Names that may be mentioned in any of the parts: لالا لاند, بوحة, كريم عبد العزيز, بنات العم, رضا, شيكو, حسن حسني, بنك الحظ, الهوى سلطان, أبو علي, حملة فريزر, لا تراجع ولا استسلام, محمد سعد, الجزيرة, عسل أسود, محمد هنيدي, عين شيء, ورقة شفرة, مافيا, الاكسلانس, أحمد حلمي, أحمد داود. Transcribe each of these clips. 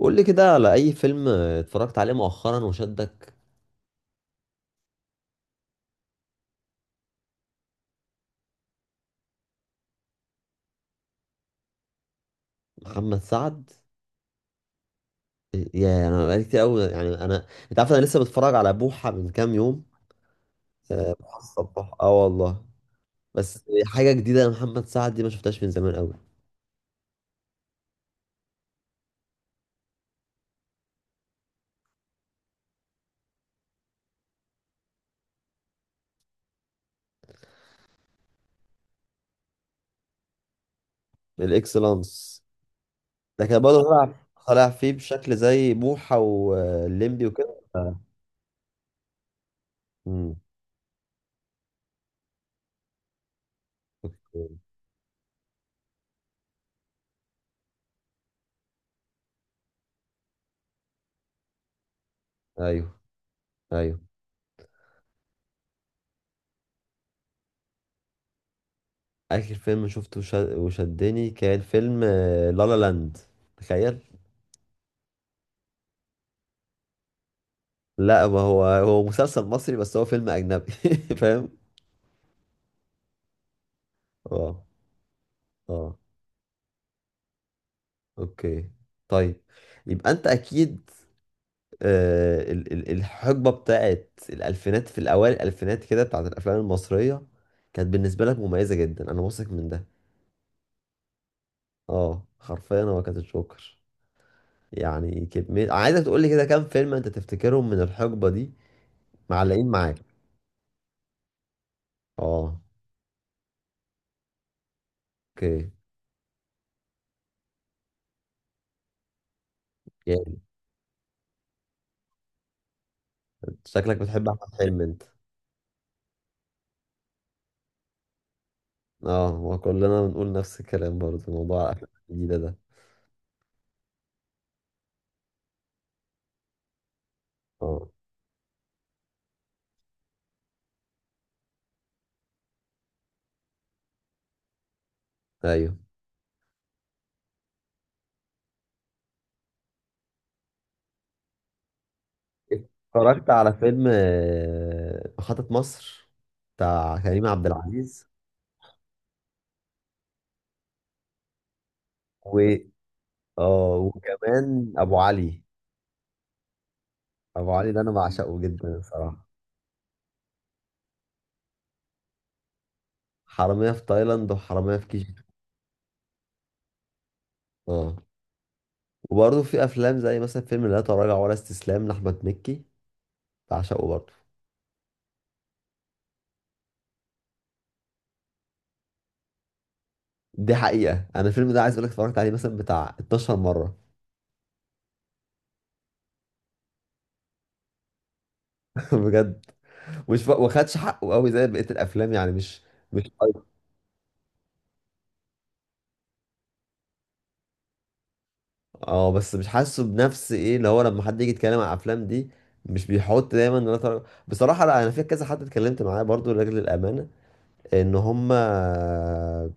قول لي كده على اي فيلم اتفرجت عليه مؤخرا وشدك؟ محمد سعد. يا انا بقالي كتير قوي، يعني انت عارف انا لسه بتفرج على بوحة من كام يوم. آه، بوحة الصباح، اه والله. بس حاجة جديدة لمحمد سعد دي ما شفتهاش من زمان قوي. الاكسلانس؟ ده كان برضه طالع، طالع فيه بشكل زي بوحة والليمبي وكده. امم. اوكي. ايوه، ايوه. اخر فيلم شفته وشدني كان فيلم لالا لاند، تخيل. لا، ما هو هو مسلسل مصري بس هو فيلم اجنبي، فاهم؟ اه. اه. اوكي. طيب. يبقى انت اكيد… الحقبه بتاعت الالفينات، في الاوائل الالفينات كده، بتاعت الافلام المصريه كانت بالنسبه لك مميزه جدا، انا واثق من ده. اه، حرفيا هو كانت الجوكر. يعني كميه، عايزك تقول لي كده كام فيلم انت تفتكرهم من الحقبه دي معلقين معاك؟ اه. اوكي. يعني شكلك بتحب احمد حلمي انت. اه، هو كلنا بنقول نفس الكلام برضه، موضوع الافلام الجديده ده. اه، ايوه، اتفرجت على فيلم محطة مصر بتاع كريم عبد العزيز. و اه وكمان ابو علي. ابو علي ده انا بعشقه جدا الصراحه. حرامية في تايلاند وحرامية في كيجي. اه، وبرضه في افلام زي مثلا فيلم لا تراجع ولا استسلام لاحمد مكي، بعشقه برضه. دي حقيقة، انا الفيلم ده عايز اقول لك اتفرجت عليه مثلا بتاع 12 مرة. بجد، مش واخدش حقه قوي زي بقية الافلام، يعني مش… مش… اه بس مش حاسه بنفس ايه اللي هو، لما حد يجي يتكلم عن الافلام دي مش بيحط دايما إن أنا طالع-… بصراحة لا، انا في كذا حد اتكلمت معاه برضو لاجل الامانة ان هم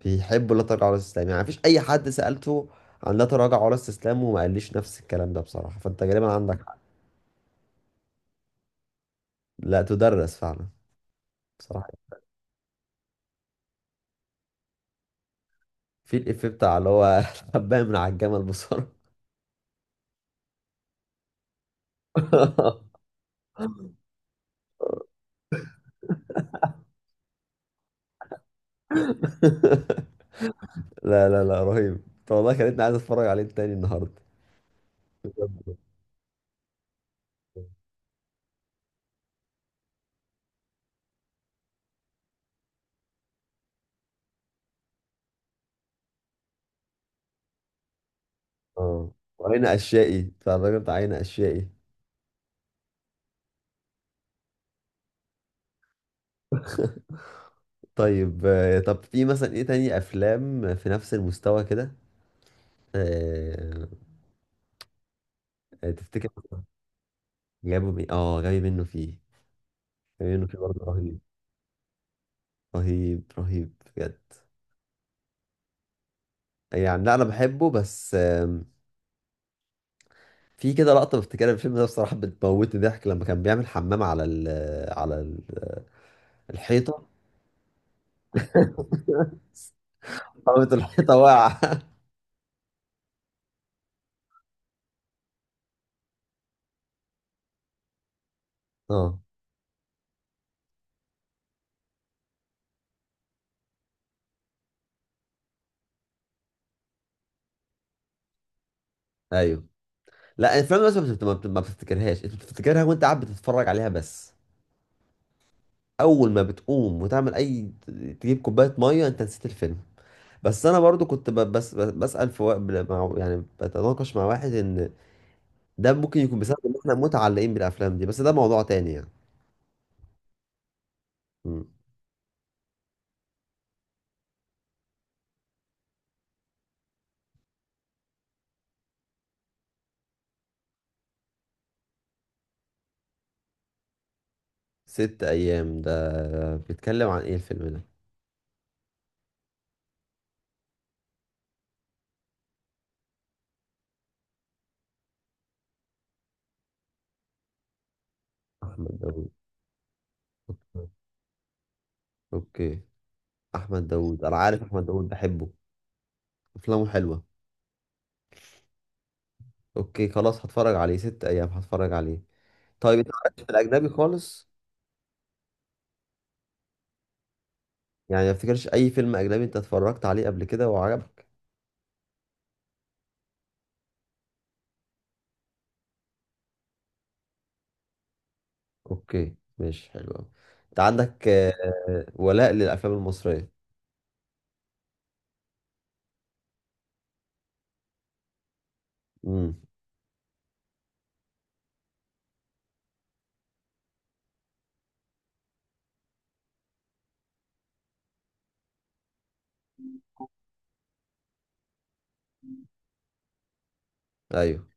بيحبوا لا تراجع ولا استسلام، يعني مفيش اي حد سألته عن لا تراجع ولا استسلام وما قاليش نفس الكلام ده، بصراحة فانت غالبا عندك حق. لا، تدرس فعلا، بصراحة. في الإفيه بتاع اللي هو حباية من على الجمل، بصراحة. لا، لا، لا، رهيب. طب والله خلتني عايز اتفرج عليه تاني النهارده. بجد. اه، وعين اشيائي بتاع الراجل بتاع عين اشيائي. طيب، طب في مثلا ايه تاني افلام في نفس المستوى كده؟ آه، تفتكر؟ جابوا مين، جاي منه فيه؟ جاي منه فيه برضه رهيب، رهيب، رهيب، بجد. يعني لا انا بحبه، بس في كده لقطه بفتكرها في الفيلم ده بصراحه بتموتني ضحك، لما كان بيعمل حمام على ال، على الحيطه. قامت الحيطه واقعه. اه، ايوه. لا الافلام بس ما بتفتكرهاش، انت بتفتكرها وانت قاعد بتتفرج عليها بس، اول ما بتقوم وتعمل اي، تجيب كوبايه ميه انت نسيت الفيلم. بس انا برضو كنت بسال في مع، يعني بتناقش مع واحد ان ده ممكن يكون بسبب ان احنا متعلقين بالافلام دي، بس ده موضوع تاني يعني. مم. ست ايام ده بيتكلم عن ايه الفيلم ده؟ احمد داوود؟ اوكي. احمد داوود انا عارف، احمد داوود بحبه، افلامه حلوه. اوكي خلاص، هتفرج عليه ست ايام، هتفرج عليه. طيب انت مالكش في الاجنبي خالص؟ يعني ما افتكرش اي فيلم اجنبي انت اتفرجت عليه قبل كده وعجبك؟ اوكي، ماشي، حلو قوي. انت عندك ولاء للافلام المصريه. امم. ايوه.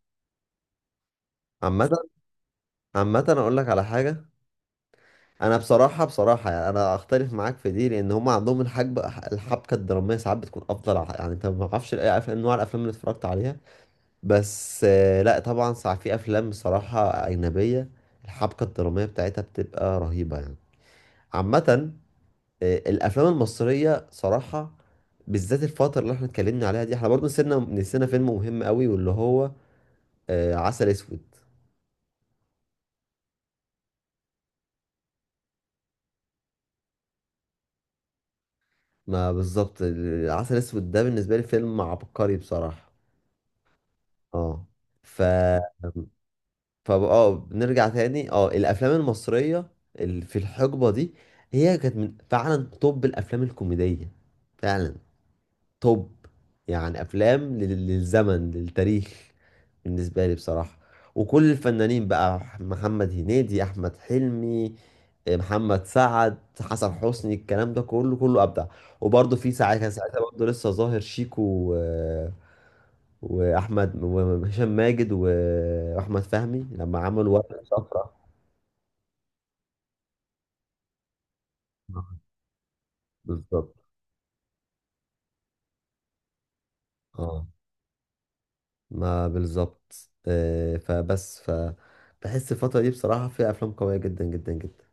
عامه… عامه انا اقول لك على حاجه. انا بصراحه بصراحه يعني انا اختلف معاك في دي، لان هم عندهم الحبكه، الحبكه الدراميه ساعات بتكون افضل، يعني انت ما اعرفش اي افلام، نوع الافلام اللي اتفرجت عليها. بس لا طبعا ساعات في افلام بصراحه اجنبيه الحبكه الدراميه بتاعتها بتبقى رهيبه يعني. عامة، الافلام المصريه صراحه، بالذات الفتره اللي احنا اتكلمنا عليها دي، احنا برضو نسينا فيلم مهم قوي واللي هو عسل اسود. ما بالظبط، عسل اسود ده بالنسبه لي فيلم عبقري بصراحه. اه. ف ف اه بنرجع تاني، اه، الافلام المصريه اللي في الحقبه دي هي كانت من فعلا، طب الافلام الكوميديه فعلا توب، يعني افلام للزمن، للتاريخ، بالنسبه لي بصراحه. وكل الفنانين بقى، محمد هنيدي، احمد حلمي، محمد سعد، حسن حسني، الكلام ده كله كله ابدع. وبرضه في ساعه كان ساعتها برضه لسه ظاهر شيكو و… واحمد وهشام ماجد واحمد فهمي لما عملوا ورقه شفره. بالظبط. اه، ما بالظبط، فبس بحس الفترة دي بصراحة فيها أفلام قوية جدا جدا جدا.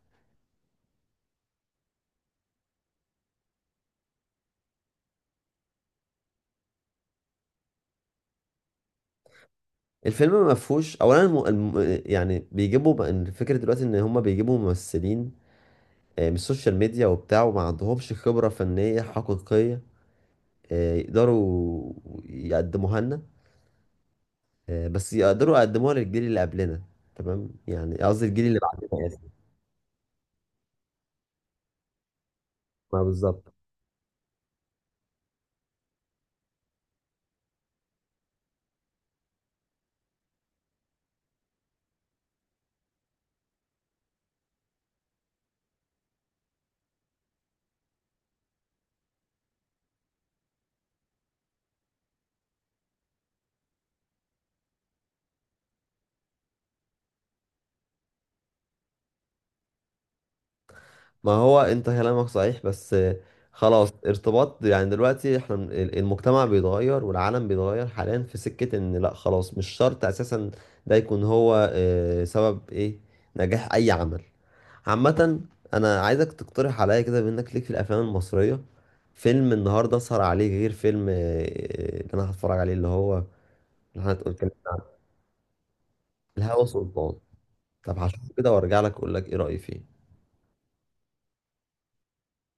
الفيلم ما فيهوش اولا يعني إن الفكره دلوقتي ان هم بيجيبوا ممثلين من السوشيال ميديا وبتاع، وما عندهمش خبره فنيه حقيقيه يقدروا يقدموها لنا، بس يقدروا يقدموها للجيل اللي قبلنا، تمام، يعني قصدي الجيل اللي بعدنا، اسف. ما بالظبط. ما هو انت كلامك صحيح، بس خلاص ارتباط يعني دلوقتي احنا المجتمع بيتغير والعالم بيتغير، حاليا في سكة ان لا خلاص مش شرط اساسا ده يكون هو سبب ايه نجاح اي عمل. عامة، انا عايزك تقترح عليا كده، بانك ليك في الافلام المصرية، فيلم النهاردة اسهر عليه، غير فيلم اللي انا هتفرج عليه، اللي هو، اللي احنا اتكلمنا عنه. الهوى سلطان؟ طب هشوفه كده وارجع لك اقول لك ايه رأيي فيه.